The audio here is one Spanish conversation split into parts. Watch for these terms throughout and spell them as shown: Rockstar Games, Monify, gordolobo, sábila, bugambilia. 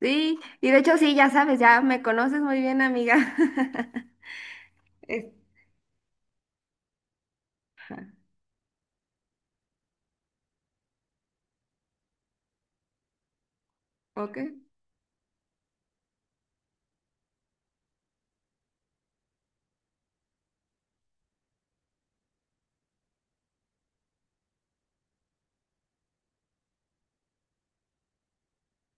Sí, y de hecho sí, ya sabes, ya me conoces muy bien, amiga. Es- ok,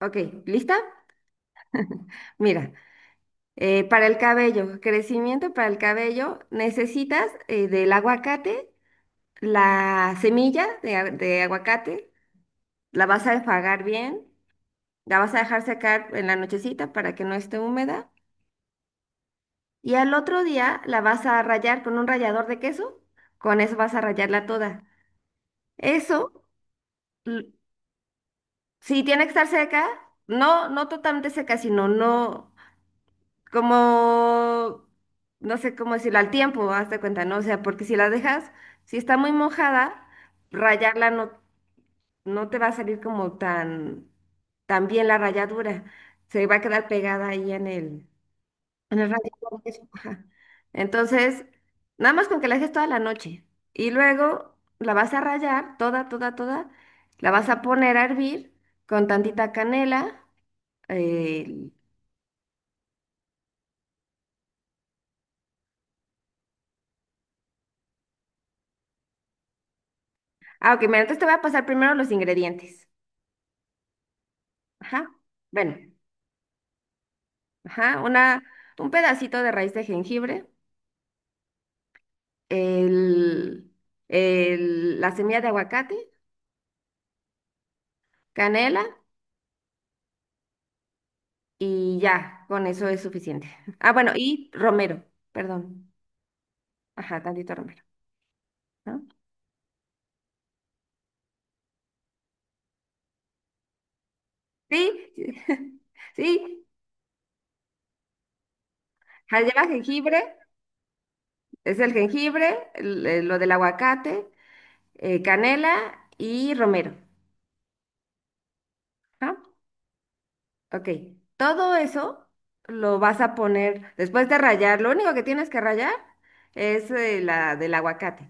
ok, ¿lista? Mira, para el cabello, crecimiento para el cabello, necesitas del aguacate, la semilla de, de aguacate, la vas a enjuagar bien, la vas a dejar secar en la nochecita para que no esté húmeda, y al otro día la vas a rayar con un rallador de queso, con eso vas a rallarla toda. Eso... Sí, tiene que estar seca. No, no totalmente seca, sino no como, no sé cómo decirlo, al tiempo, hazte cuenta, ¿no? O sea, porque si la dejas, si está muy mojada, rayarla no, no te va a salir como tan, tan bien la ralladura. Se va a quedar pegada ahí en en el rallador ajá. Entonces, nada más con que la dejes toda la noche. Y luego la vas a rayar toda, toda, toda. La vas a poner a hervir con tantita canela el- Ah, ok, mira, entonces te voy a pasar primero los ingredientes. Ajá. Bueno, ajá, una, un pedacito de raíz de jengibre, el, la semilla de aguacate, canela y ya, con eso es suficiente. Ah, bueno, y romero, perdón. Ajá, tantito romero. ¿No? Sí, sí. Ajá, Lleva jengibre, es el jengibre, lo del aguacate, canela y romero. ¿No? Ok, todo eso lo vas a poner después de rallar. Lo único que tienes que rallar es la del aguacate.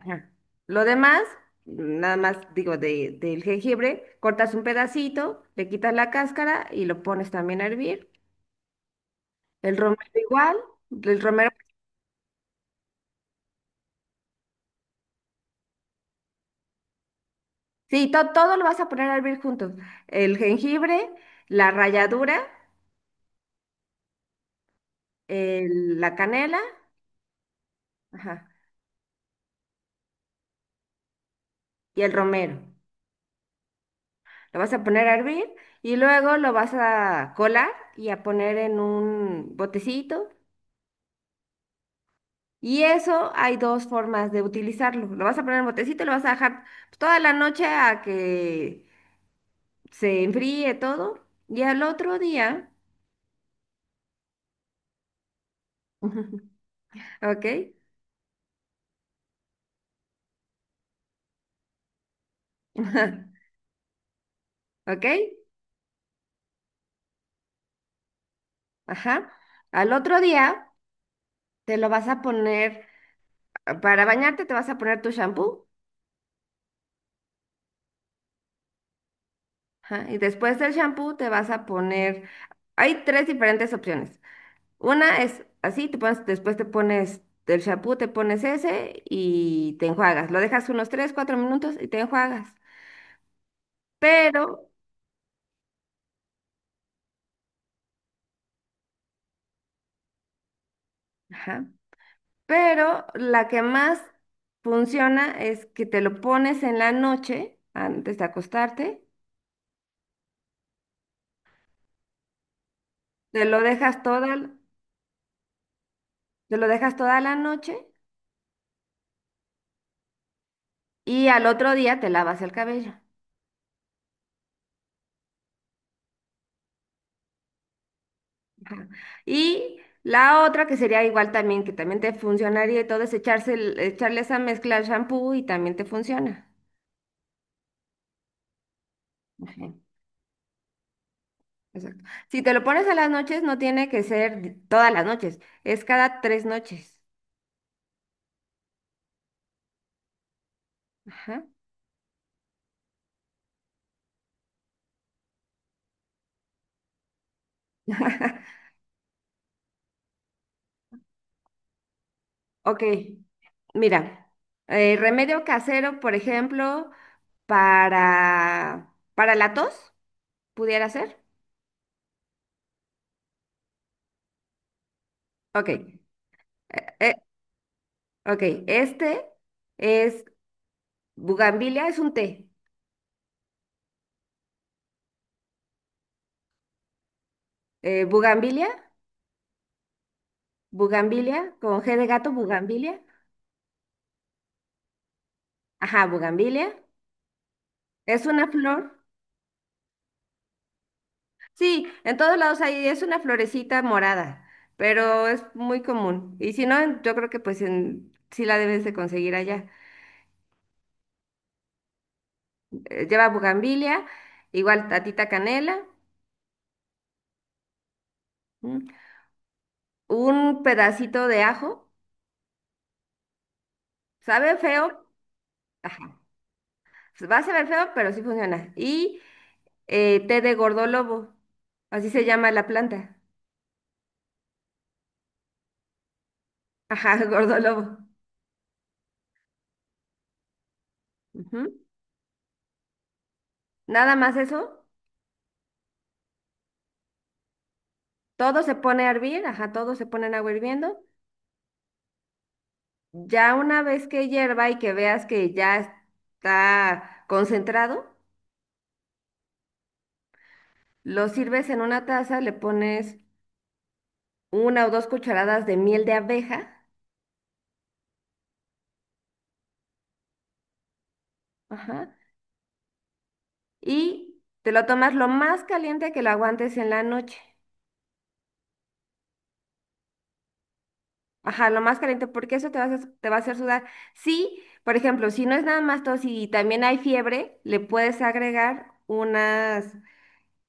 Ajá. Lo demás, nada más digo del jengibre, cortas un pedacito, le quitas la cáscara y lo pones también a hervir. El romero igual, el romero, sí, todo lo vas a poner a hervir juntos. El jengibre, la ralladura, la canela, ajá, y el romero. Lo vas a poner a hervir y luego lo vas a colar y a poner en un botecito. Y eso hay dos formas de utilizarlo. Lo vas a poner en botecito y lo vas a dejar pues, toda la noche a que se enfríe todo. Y al otro día, ¿ok? ¿Ok? Ajá. Al otro día te lo vas a poner, para bañarte te vas a poner tu shampoo. Ajá, y después del shampoo te vas a poner, hay tres diferentes opciones. Una es así, te pones, después te pones del champú, te pones ese y te enjuagas. Lo dejas unos 3 4 minutos y te enjuagas. Pero, ajá, pero la que más funciona es que te lo pones en la noche, antes de acostarte, te lo dejas toda, l- te lo dejas toda la noche y al otro día te lavas el cabello. Ajá. Y la otra que sería igual también, que también te funcionaría y todo, es echarse, echarle esa mezcla al shampoo y también te funciona. Ajá, exacto. Si te lo pones a las noches, no tiene que ser todas las noches, es cada tres noches. Ajá. Ok, mira, remedio casero, por ejemplo, para la tos, pudiera ser. Ok, eh, ok, este es bugambilia, es un té. Bugambilia, bugambilia, con G de gato, bugambilia. Ajá, bugambilia. Es una flor. Sí, en todos lados hay, es una florecita morada, pero es muy común. Y si no, yo creo que pues en, sí la debes de conseguir allá. Lleva bugambilia, igual tatita canela, ¿m? Un pedacito de ajo, sabe feo, ajá, va a saber feo, pero sí funciona. Y té de gordolobo, así se llama la planta. Ajá, gordolobo. Ujú. Nada más eso, todo se pone a hervir, ajá, todo se pone en agua hirviendo. Ya una vez que hierva y que veas que ya está concentrado, lo sirves en una taza, le pones una o dos cucharadas de miel de abeja, ajá, y te lo tomas lo más caliente que lo aguantes en la noche. Ajá, lo más caliente, porque eso te va a hacer, te va a hacer sudar. Sí, por ejemplo, si no es nada más tos y también hay fiebre, le puedes agregar unas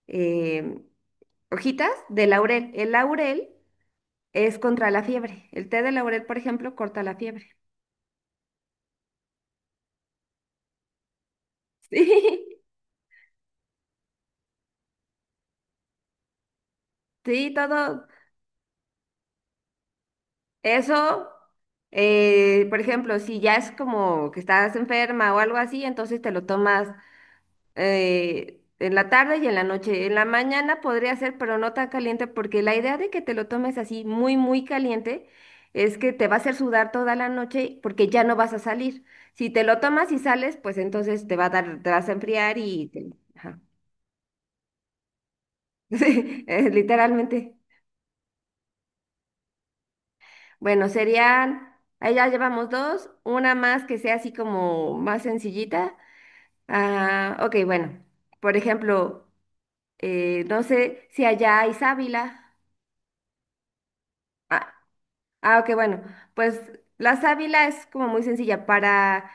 eh, hojitas de laurel. El laurel es contra la fiebre. El té de laurel, por ejemplo, corta la fiebre. Sí, sí, todo eso. Por ejemplo, si ya es como que estás enferma o algo así, entonces te lo tomas en la tarde y en la noche. En la mañana podría ser, pero no tan caliente, porque la idea de que te lo tomes así muy, muy caliente es que te va a hacer sudar toda la noche porque ya no vas a salir. Si te lo tomas y sales, pues entonces te va a dar, te vas a enfriar y ajá. Sí, literalmente. Bueno, serían, ahí ya llevamos dos, una más que sea así como más sencillita. Ah, ok, bueno, por ejemplo, no sé si allá hay sábila. Ah, ah, ok, bueno, pues la sábila es como muy sencilla para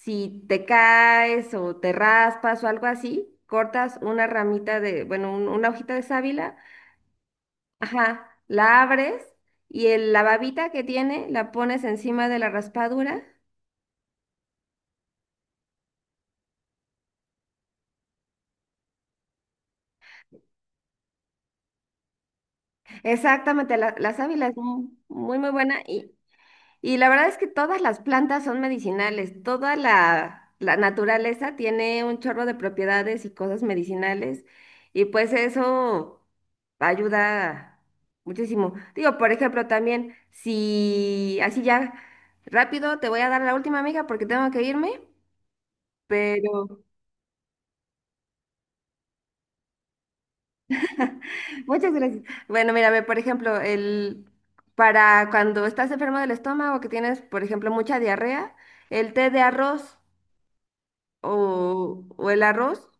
si te caes o te raspas o algo así, cortas una ramita de, bueno, una hojita de sábila, ajá, la abres y la babita que tiene la pones encima de la raspadura. Exactamente, la sábila es muy, muy buena y la verdad es que todas las plantas son medicinales, toda la naturaleza tiene un chorro de propiedades y cosas medicinales y pues eso ayuda muchísimo. Digo, por ejemplo, también si así ya rápido te voy a dar la última amiga porque tengo que irme, pero... Muchas gracias. Bueno, mira, ve, por ejemplo, el, para cuando estás enfermo del estómago, que tienes, por ejemplo, mucha diarrea, el té de arroz o el arroz,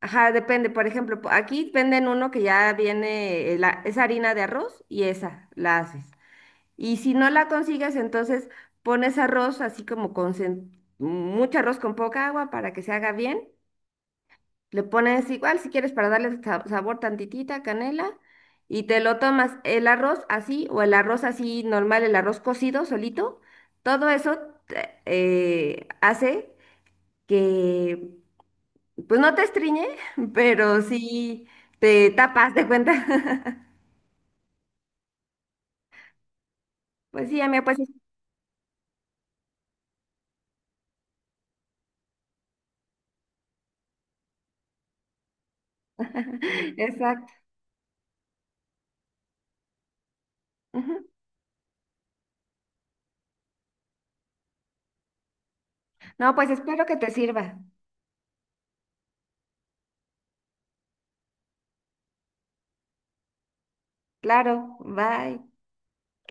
ajá, depende. Por ejemplo, aquí venden uno que ya viene, la, es harina de arroz y esa la haces. Y si no la consigues, entonces pones arroz así como con mucho arroz con poca agua para que se haga bien. Le pones igual, si quieres, para darle sabor tantitita, canela, y te lo tomas el arroz así, o el arroz así normal, el arroz cocido solito. Todo eso hace que, pues no te estriñe, pero sí te tapas de cuenta. Pues sí, amiga, pues exacto. Ujú. No, pues espero que te sirva. Claro, bye.